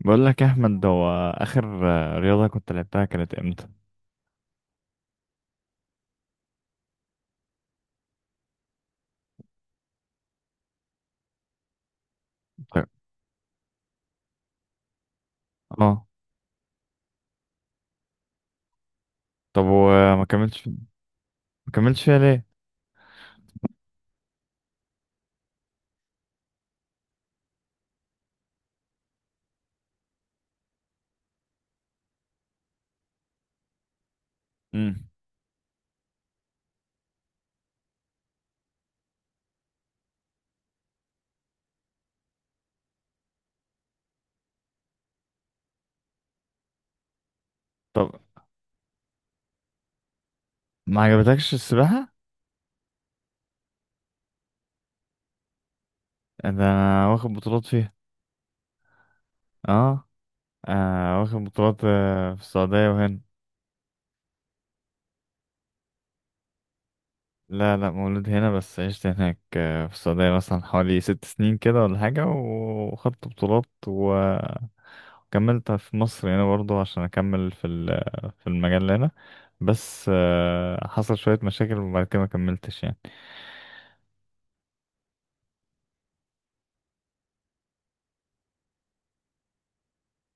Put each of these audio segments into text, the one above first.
بقول لك يا احمد، هو اخر. رياضه كنت لعبتها كانت امتى؟ طيب. اه. طب وما كملتش؟ ما كملتش فيها ليه؟ امم. طب ما عجبتكش السباحه؟ انا واخد بطولات فيها. اه. واخد بطولات، في السعوديه وهنا. لا لا، مولود هنا بس عشت هناك، في السعوديه مثلا حوالي 6 سنين كده ولا حاجه، وخدت بطولات وكملت في مصر هنا برضه عشان اكمل في المجال هنا. بس حصل شويه مشاكل وبعد كده ما كملتش يعني.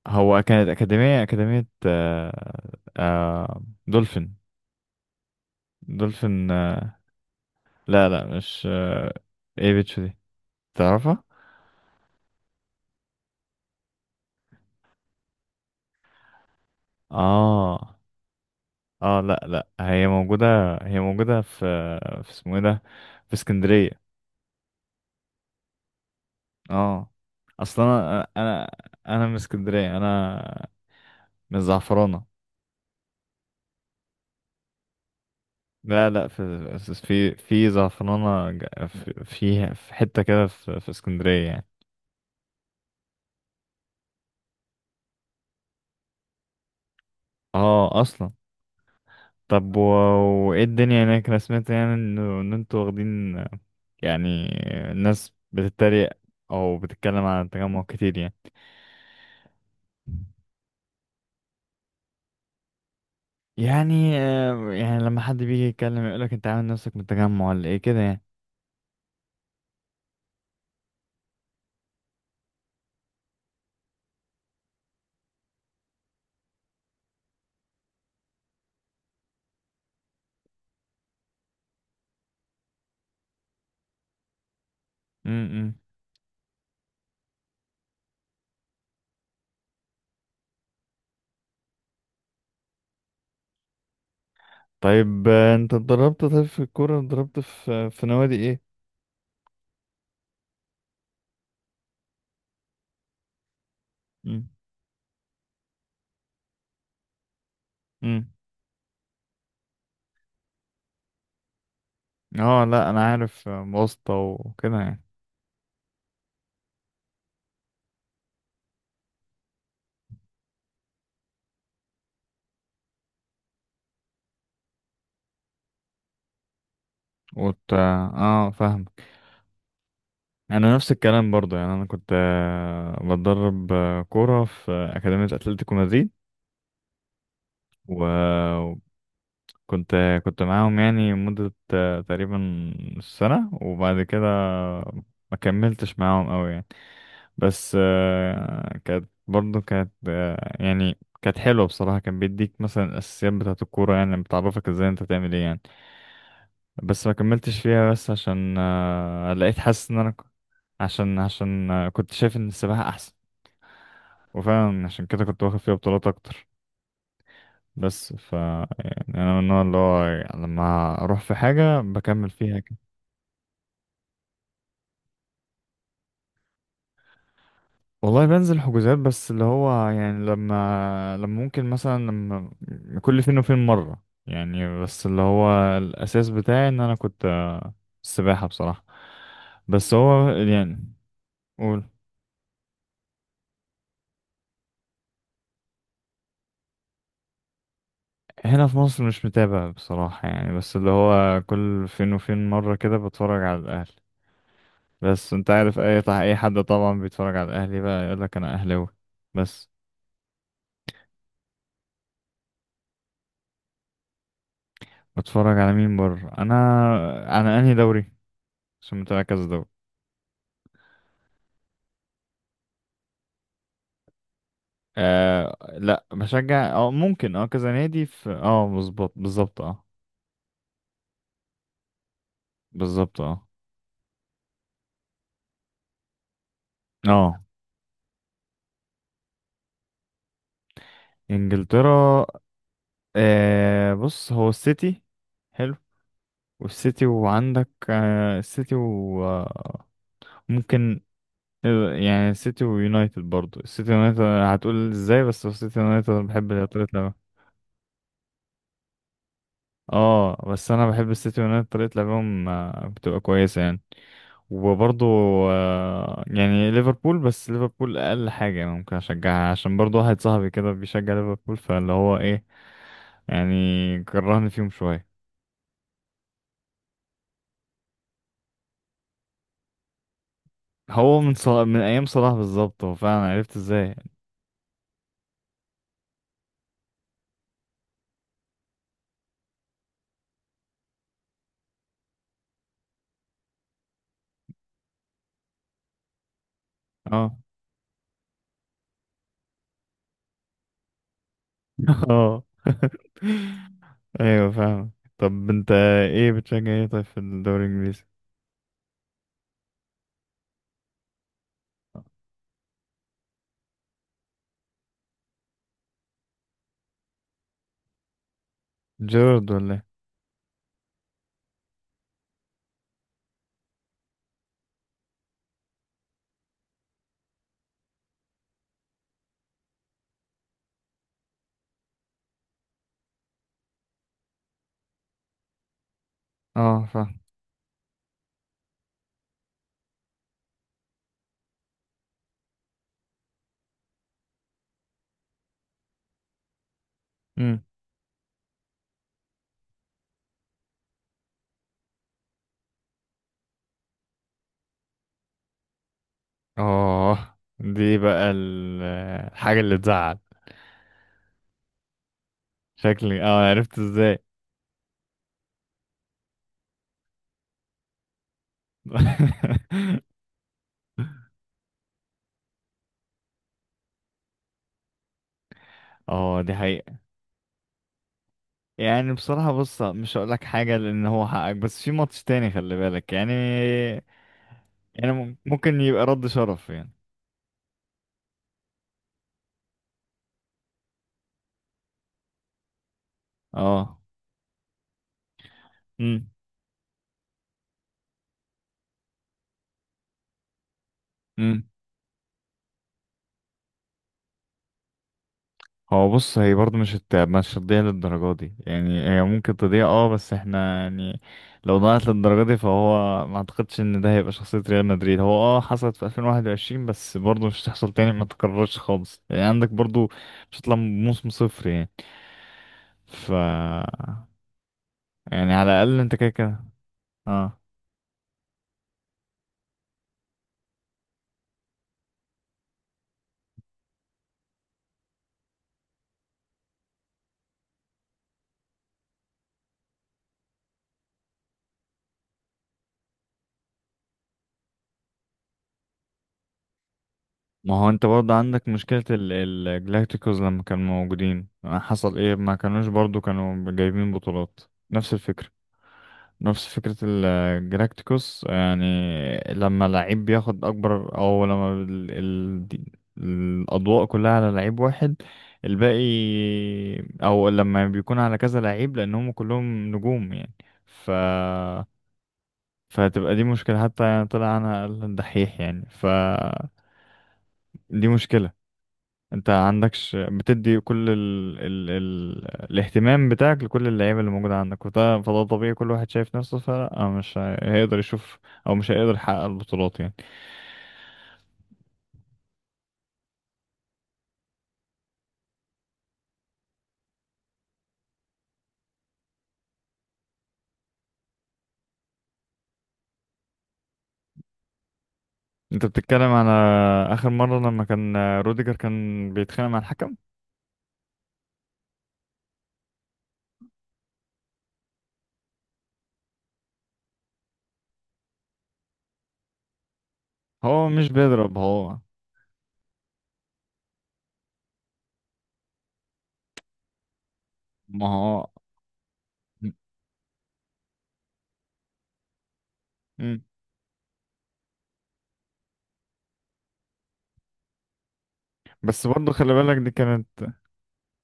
هو كانت أكاديمية آه. آه دولفين. دولفين آه. لا لا، مش آه. ايه بيتش دي، تعرفها؟ اه اه. لا لا، هي موجودة. هي موجودة في اسمه ايه ده، في اسكندرية. اه اصلا. انا من اسكندرية. انا من زعفرانة. لا لا، في زعفرانة، في حتة كده في اسكندرية يعني. اه اصلا. طب و... وايه الدنيا هناك؟ انا سمعت يعني انه ان انتوا واخدين يعني، الناس بتتريق او بتتكلم عن التجمع كتير يعني. يعني يعني لما حد بيجي يتكلم يقولك انت عامل نفسك من التجمع ولا ايه كده يعني. امم. طيب انت اتدربت؟ طيب في الكورة اتدربت في نوادي ايه؟ امم. اه لا انا عارف، واسطة وكده يعني. اه فاهم. انا نفس الكلام برضو يعني. انا كنت بتدرب كوره في اكاديميه اتلتيكو مدريد، وكنت كنت معاهم يعني مده تقريبا سنه، وبعد كده ما كملتش معاهم قوي يعني. بس كانت برضو كانت يعني كانت حلوه بصراحه. كان بيديك مثلا الاساسيات بتاعه الكوره، يعني بتعرفك ازاي انت تعمل ايه يعني. بس ما كملتش فيها بس عشان لقيت حاسس ان انا عشان عشان كنت شايف ان السباحه احسن، وفعلا عشان كده كنت واخد فيها بطولات اكتر. بس ف يعني انا من النوع اللي هو لما اروح في حاجه بكمل فيها كده. والله بنزل حجوزات، بس اللي هو يعني لما ممكن مثلا لما كل فين وفين مره يعني، بس اللي هو الاساس بتاعي ان انا كنت السباحه بصراحه. بس هو يعني قول. هنا في مصر مش متابع بصراحه يعني، بس اللي هو كل فين وفين مره كده بتفرج على الاهلي. بس انت عارف اي حد طبعا بيتفرج على الاهلي بقى يقول لك انا اهلاوي. بس بتفرج على مين بره انا، انا انهي دوري، عشان متابع كذا دوري. آه لا بشجع اه، ممكن اه كذا نادي في اه مظبوط بالظبط اه. بالظبط اه. اه. انجلترا. بص هو السيتي. حلو. والسيتي، وعندك آه السيتي، وممكن يعني السيتي ويونايتد برضو. السيتي ويونايتد هتقول ازاي. بس السيتي ويونايتد أنا بحب الاتليت. اه. بس انا بحب السيتي يونايتد طريقه لعبهم بتبقى كويسه يعني. وبرضه يعني ليفربول. بس ليفربول اقل حاجه يعني ممكن اشجعها عشان برضه واحد صاحبي كده بيشجع ليفربول، فاللي هو ايه يعني كرهني فيهم شويه. هو من صلاح، من ايام صلاح بالظبط. هو فعلا عرفت ازاي. اه. اه. ايوه فاهم. طب انت ايه بتشجع ايه طيب في الدوري الانجليزي؟ جيرارد ولا ايه؟ اه فاهم. اه دي بقى الحاجة اللي تزعل. شكلي، اه عرفت ازاي. اه دي حقيقة. يعني بصراحة بص مش هقولك حاجة لأن هو حقك، بس في ماتش تاني خلي بالك يعني. يعني ممكن يبقى رد شرف يعني. اه. امم. هو بص، هي برضه مش هتضيع للدرجة دي يعني. هي ممكن تضيع اه، بس احنا يعني لو ضاعت للدرجة دي فهو ما اعتقدش ان ده هيبقى شخصية ريال مدريد. هو اه حصلت في 2021، بس برضه مش هتحصل تاني ما تكررش خالص يعني، عندك برضه مش هتطلع موسم صفر يعني. ف يعني على الأقل انت كده كده اه. ما هو انت برضه عندك مشكلة الجلاكتيكوز لما كانوا موجودين، حصل ايه؟ ما كانوش برضه كانوا جايبين بطولات. نفس الفكرة. نفس فكرة الجلاكتيكوس يعني. لما لعيب بياخد أكبر، أو لما الأضواء كلها على لعيب واحد، الباقي، أو لما بيكون على كذا لعيب لأنهم كلهم نجوم يعني. ف فهتبقى دي مشكلة، حتى يعني طلع أنا أقل دحيح يعني. ف دي مشكلة. انت عندكش بتدي كل الاهتمام بتاعك لكل اللعيبه اللي موجوده عندك، وده فده طبيعي كل واحد شايف نفسه، فلا مش هي- هيقدر يشوف او مش هيقدر يحقق البطولات يعني. انت بتتكلم على اخر مره لما كان روديجر كان بيتخانق مع الحكم. هو مش بيضرب. هو ما هو مم. بس برضه خلي بالك دي كانت.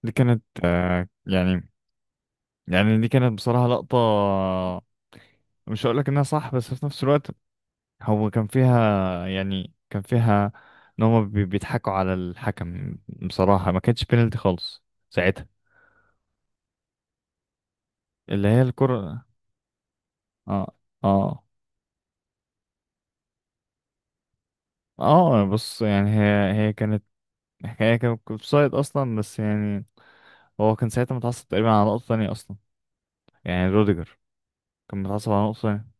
يعني يعني دي كانت بصراحه لقطه. مش هقولك انها صح، بس في نفس الوقت هو كان فيها يعني كان فيها ان هم بيضحكوا على الحكم. بصراحة ما كانتش بينالتي خالص ساعتها. اللي هي الكرة. اه اه اه. بص يعني هي كانت. هي كانت اوفسايد اصلا، بس يعني هو كان ساعتها متعصب تقريبا على نقطة تانية اصلا، يعني روديجر كان متعصب على نقطة تانية.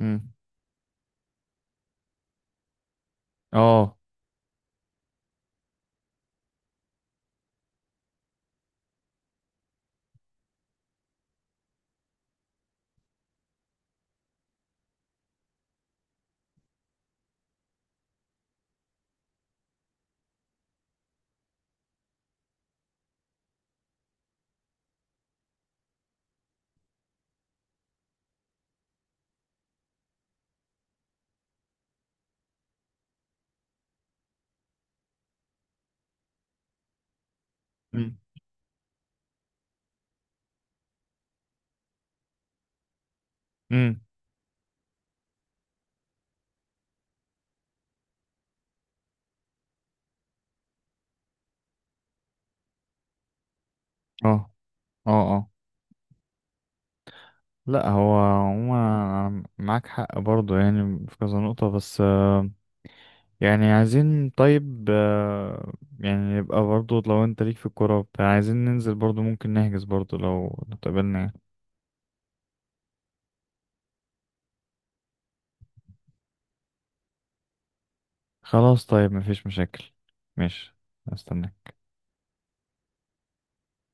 امم اه، امم امم، اه اه اه. لا هو عموما أنا معاك حق برضه يعني في كذا نقطة. بس يعني عايزين طيب يعني يبقى برضو لو انت ليك في الكورة وبتاع عايزين ننزل برضو، ممكن نحجز برضو لو اتقابلنا يعني. خلاص طيب مفيش مشاكل. ماشي. استناك.